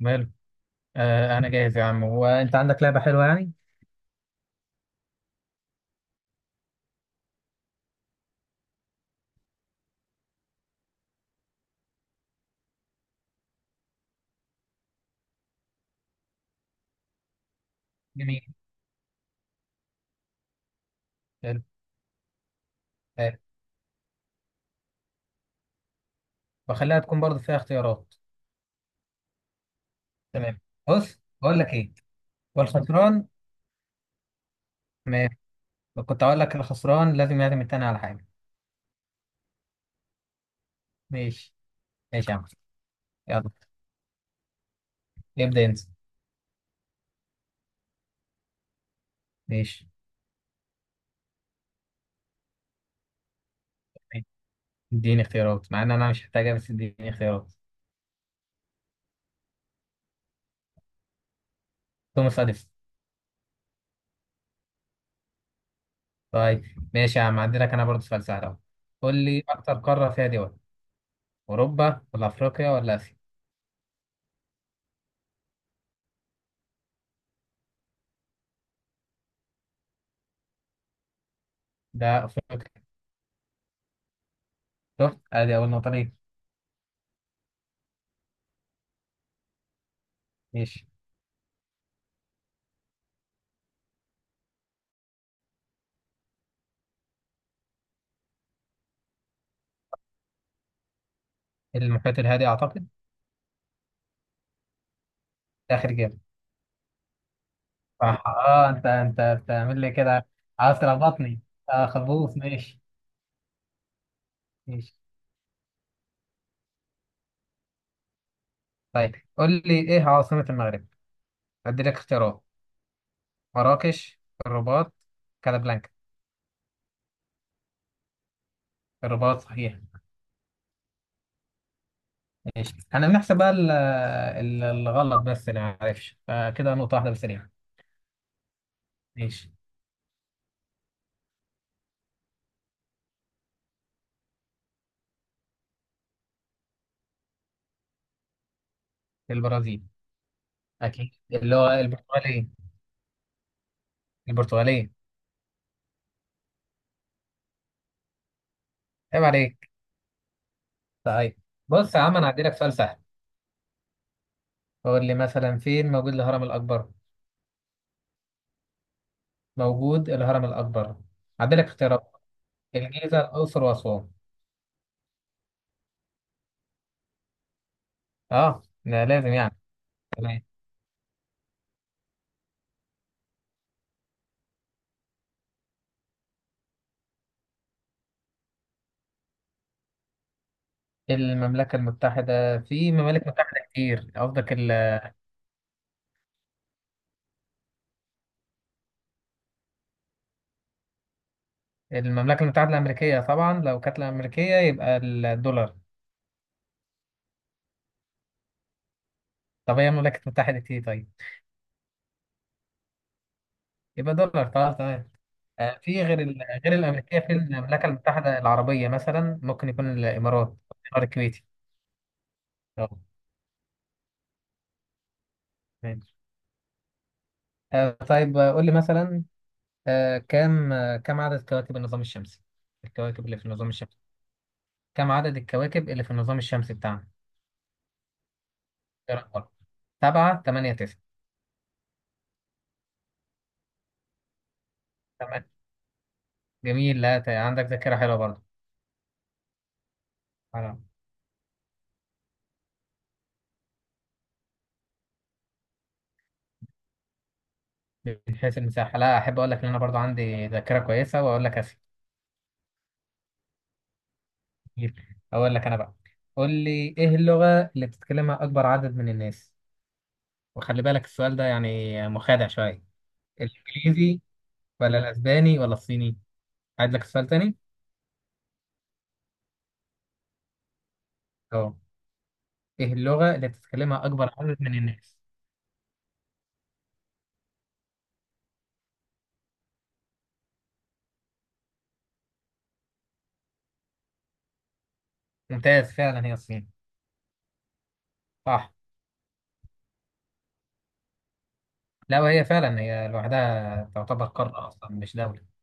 ماله. آه، انا جاهز يا عم، وانت عندك لعبه حلوه يعني؟ جميل. حلو. حلو. وخليها تكون برضه فيها اختيارات. تمام، بص بقول لك ايه. والخسران، ماشي، كنت اقول لك الخسران لازم يعزم التاني على حاجه. ماشي. ماشي يا عم. يلا، ابدا انت. ماشي. ماشي. اديني اختيارات، مع ان انا مش محتاجها، بس اديني اختيارات. توماس اديسون. طيب، ماشي يا عم، عندي لك انا برضه سؤال سهل اهو. قول لي اكتر قاره فيها دول: اوروبا ولا افريقيا ولا اسيا؟ ده افريقيا. شفت، ادي اول نقطه ليه. ماشي. المحيط الهادي اعتقد. اخر جيم. صح. اه، انت انت بتعمل لي كده، عاوز تلخبطني. اه، خبوص، ماشي. ماشي. طيب قول لي ايه عاصمة المغرب؟ ادي لك اختيارات. مراكش، الرباط، كازابلانكا. الرباط صحيح. ماشي، احنا بنحسب بقى الغلط بس، اللي ما عرفش فكده نقطة واحدة بس ليها. ماشي. البرازيل. اكيد اللي هو البرتغالية. البرتغالية. عيب عليك. طيب. بص يا عم، انا هدي لك سؤال سهل. قول لي مثلا فين موجود الهرم الاكبر؟ موجود الهرم الأكبر. عندك اختيارات: الجيزة، الأقصر وأسوان. اه، ده لازم يعني. تمام. المملكة المتحدة؟ في ممالك متحدة كتير، قصدك المملكة المتحدة الأمريكية؟ طبعا لو كانت الأمريكية يبقى الدولار. طب هي مملكة متحدة إيه طيب؟ يبقى دولار خلاص، تمام. في غير غير الأمريكية، في المملكة المتحدة العربية مثلا، ممكن يكون الإمارات. الإمارات، الكويتي. اه. تمام. طيب، قول لي مثلا، كم عدد كواكب النظام الشمسي؟ الكواكب اللي في النظام الشمسي، كم عدد الكواكب اللي في النظام الشمسي بتاعنا؟ إيه رقمها؟ سبعة، تمانية، تسعة. تمام. جميل، لا ت- عندك ذاكرة حلوة برضه. على- من حيث المساحة؟ لا، أحب أقول لك إن أنا برضه عندي ذاكرة كويسة وأقول لك أسئلة كتير. أقول لك أنا بقى، قول لي إيه اللغة اللي بتتكلمها أكبر عدد من الناس؟ وخلي بالك السؤال ده يعني مخادع شوية. الإنجليزي ولا الأسباني ولا الصيني؟ عايز لك السؤال تاني؟ أه، ايه اللغة اللي بتتكلمها أكبر عدد من الناس؟ ممتاز، فعلا هي الصين. صح. لا، وهي فعلا هي لوحدها تعتبر قارة أصلا مش دولة.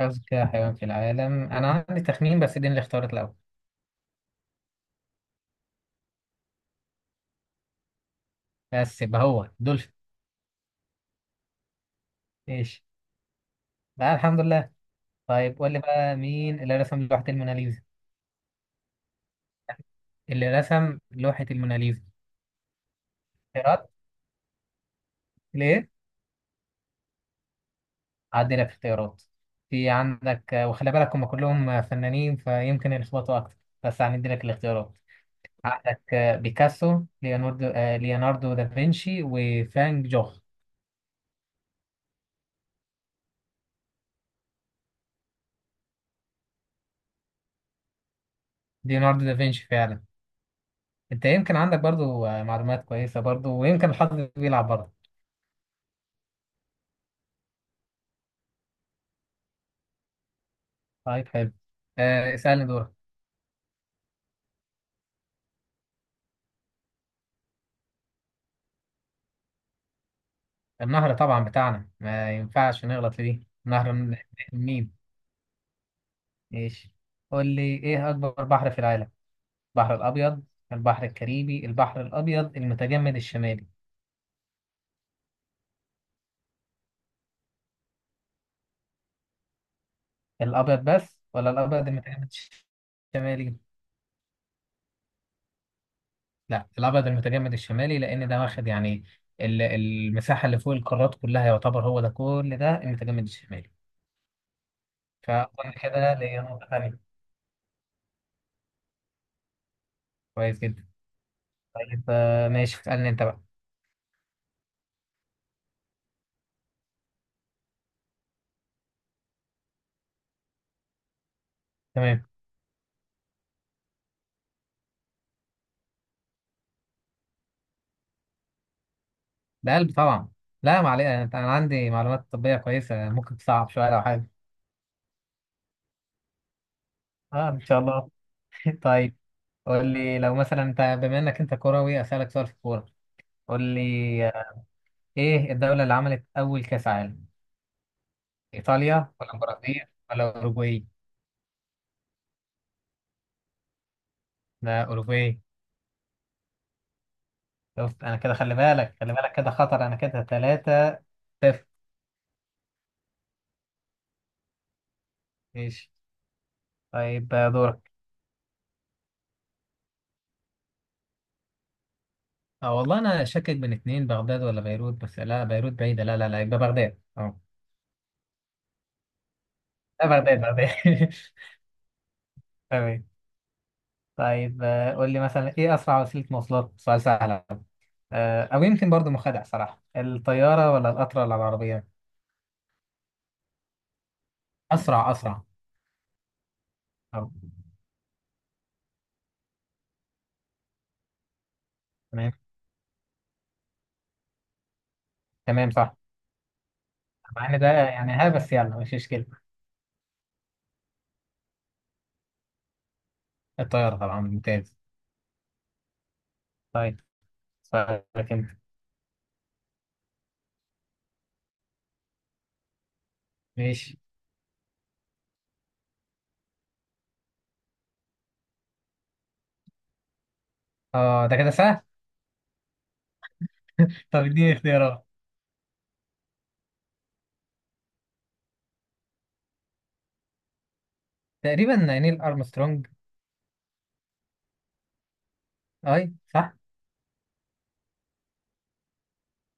أذكى حيوان في العالم؟ أنا عندي تخمين، بس دي اللي اختارت الأول. بس يبقى هو دولفين. ماشي. لا، الحمد لله. طيب قول لي بقى، مين اللي رسم لوحة الموناليزا؟ اللي رسم لوحة الموناليزا. اختيارات ليه؟ عدي لك اختيارات. في عندك، وخلي بالك هم كلهم فنانين فيمكن يلخبطوا أكتر، بس هندي لك الاختيارات. عندك بيكاسو، ليوناردو دافنشي، وفان جوخ. ليوناردو دافنشي فعلا. انت يمكن عندك برضو معلومات كويسة برضو، ويمكن الحظ بيلعب برضو. طيب، حلو. اسألني دورك. النهر طبعا بتاعنا، ما ينفعش نغلط في دي، نهر من مين. ماشي. قول لي ايه اكبر بحر في العالم؟ البحر الابيض، البحر الكاريبي، البحر الابيض المتجمد الشمالي. الابيض بس ولا الابيض المتجمد الشمالي؟ لا الابيض المتجمد الشمالي، لان ده واخد يعني المساحه اللي فوق القارات كلها، يعتبر هو ده كل ده المتجمد الشمالي. فاظن كده ليا نقطه ثانيه. كويس جدا. طيب ماشي، اسالني انت بقى. تمام. ده قلب طبعا. لا معلش، أنا عندي معلومات طبيه كويسه، ممكن تصعب شويه لو حاجه. اه ان شاء الله. طيب، قول لي لو مثلا انت، بما انك انت كروي، اسالك سؤال في الكوره. قول لي، آه، ايه الدوله اللي عملت اول كاس عالم؟ ايطاليا ولا البرازيل ولا اوروجواي؟ لا، اوروجواي. شفت، انا كده، خلي بالك، خلي بالك، كده خطر انا كده، ثلاثة صفر. ماشي. طيب دورك. اه والله انا شاكك بين اتنين، بغداد ولا بيروت، بس لا بيروت بعيدة، لا لا لا، يبقى بغداد، اه. لا بغداد، بغداد. تمام. طيب قول لي مثلا، ايه اسرع وسيلة مواصلات؟ سؤال سهل، او يمكن برضو مخادع صراحة. الطيارة ولا القطر ولا العربية؟ اسرع، اسرع. اه. تمام. تمام، صح. مع ان ده يعني، ها، بس يلا مش مشكلة. الطيارة طبعا، ممتاز. طيب، سؤالك انت. ماشي. اه ده كده سهل. طب اديني اختيارات. تقريبا نيل ارمسترونج. اي صح.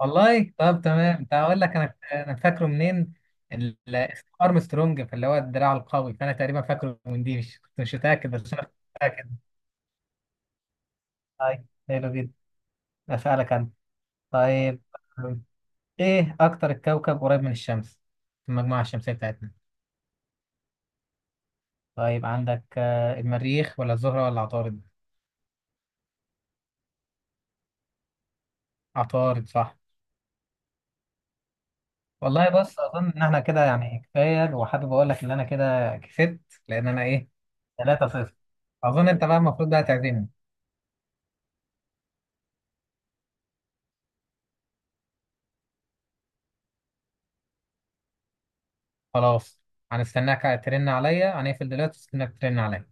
والله طب تمام، ده اقول لك انا انا فاكره منين. اسم ارمسترونج، فاللي هو الدراع القوي، فانا تقريبا فاكره من دي، مش كنت مش متاكد، بس انا كنت متاكد. طيب، حلو جدا. اسالك انا. طيب، ايه اكتر الكوكب قريب من الشمس في المجموعه الشمسيه بتاعتنا؟ طيب عندك المريخ ولا الزهره ولا عطارد؟ عطارد صح. والله بص، اظن ان احنا كده يعني كفايه، وحابب اقول لك ان انا كده كسبت، لان انا ايه، 3-0. اظن انت بقى المفروض بقى تعزمني. خلاص، هنستناك ترن عليا، هنقفل دلوقتي، استناك ترن عليا، مع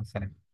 السلامة.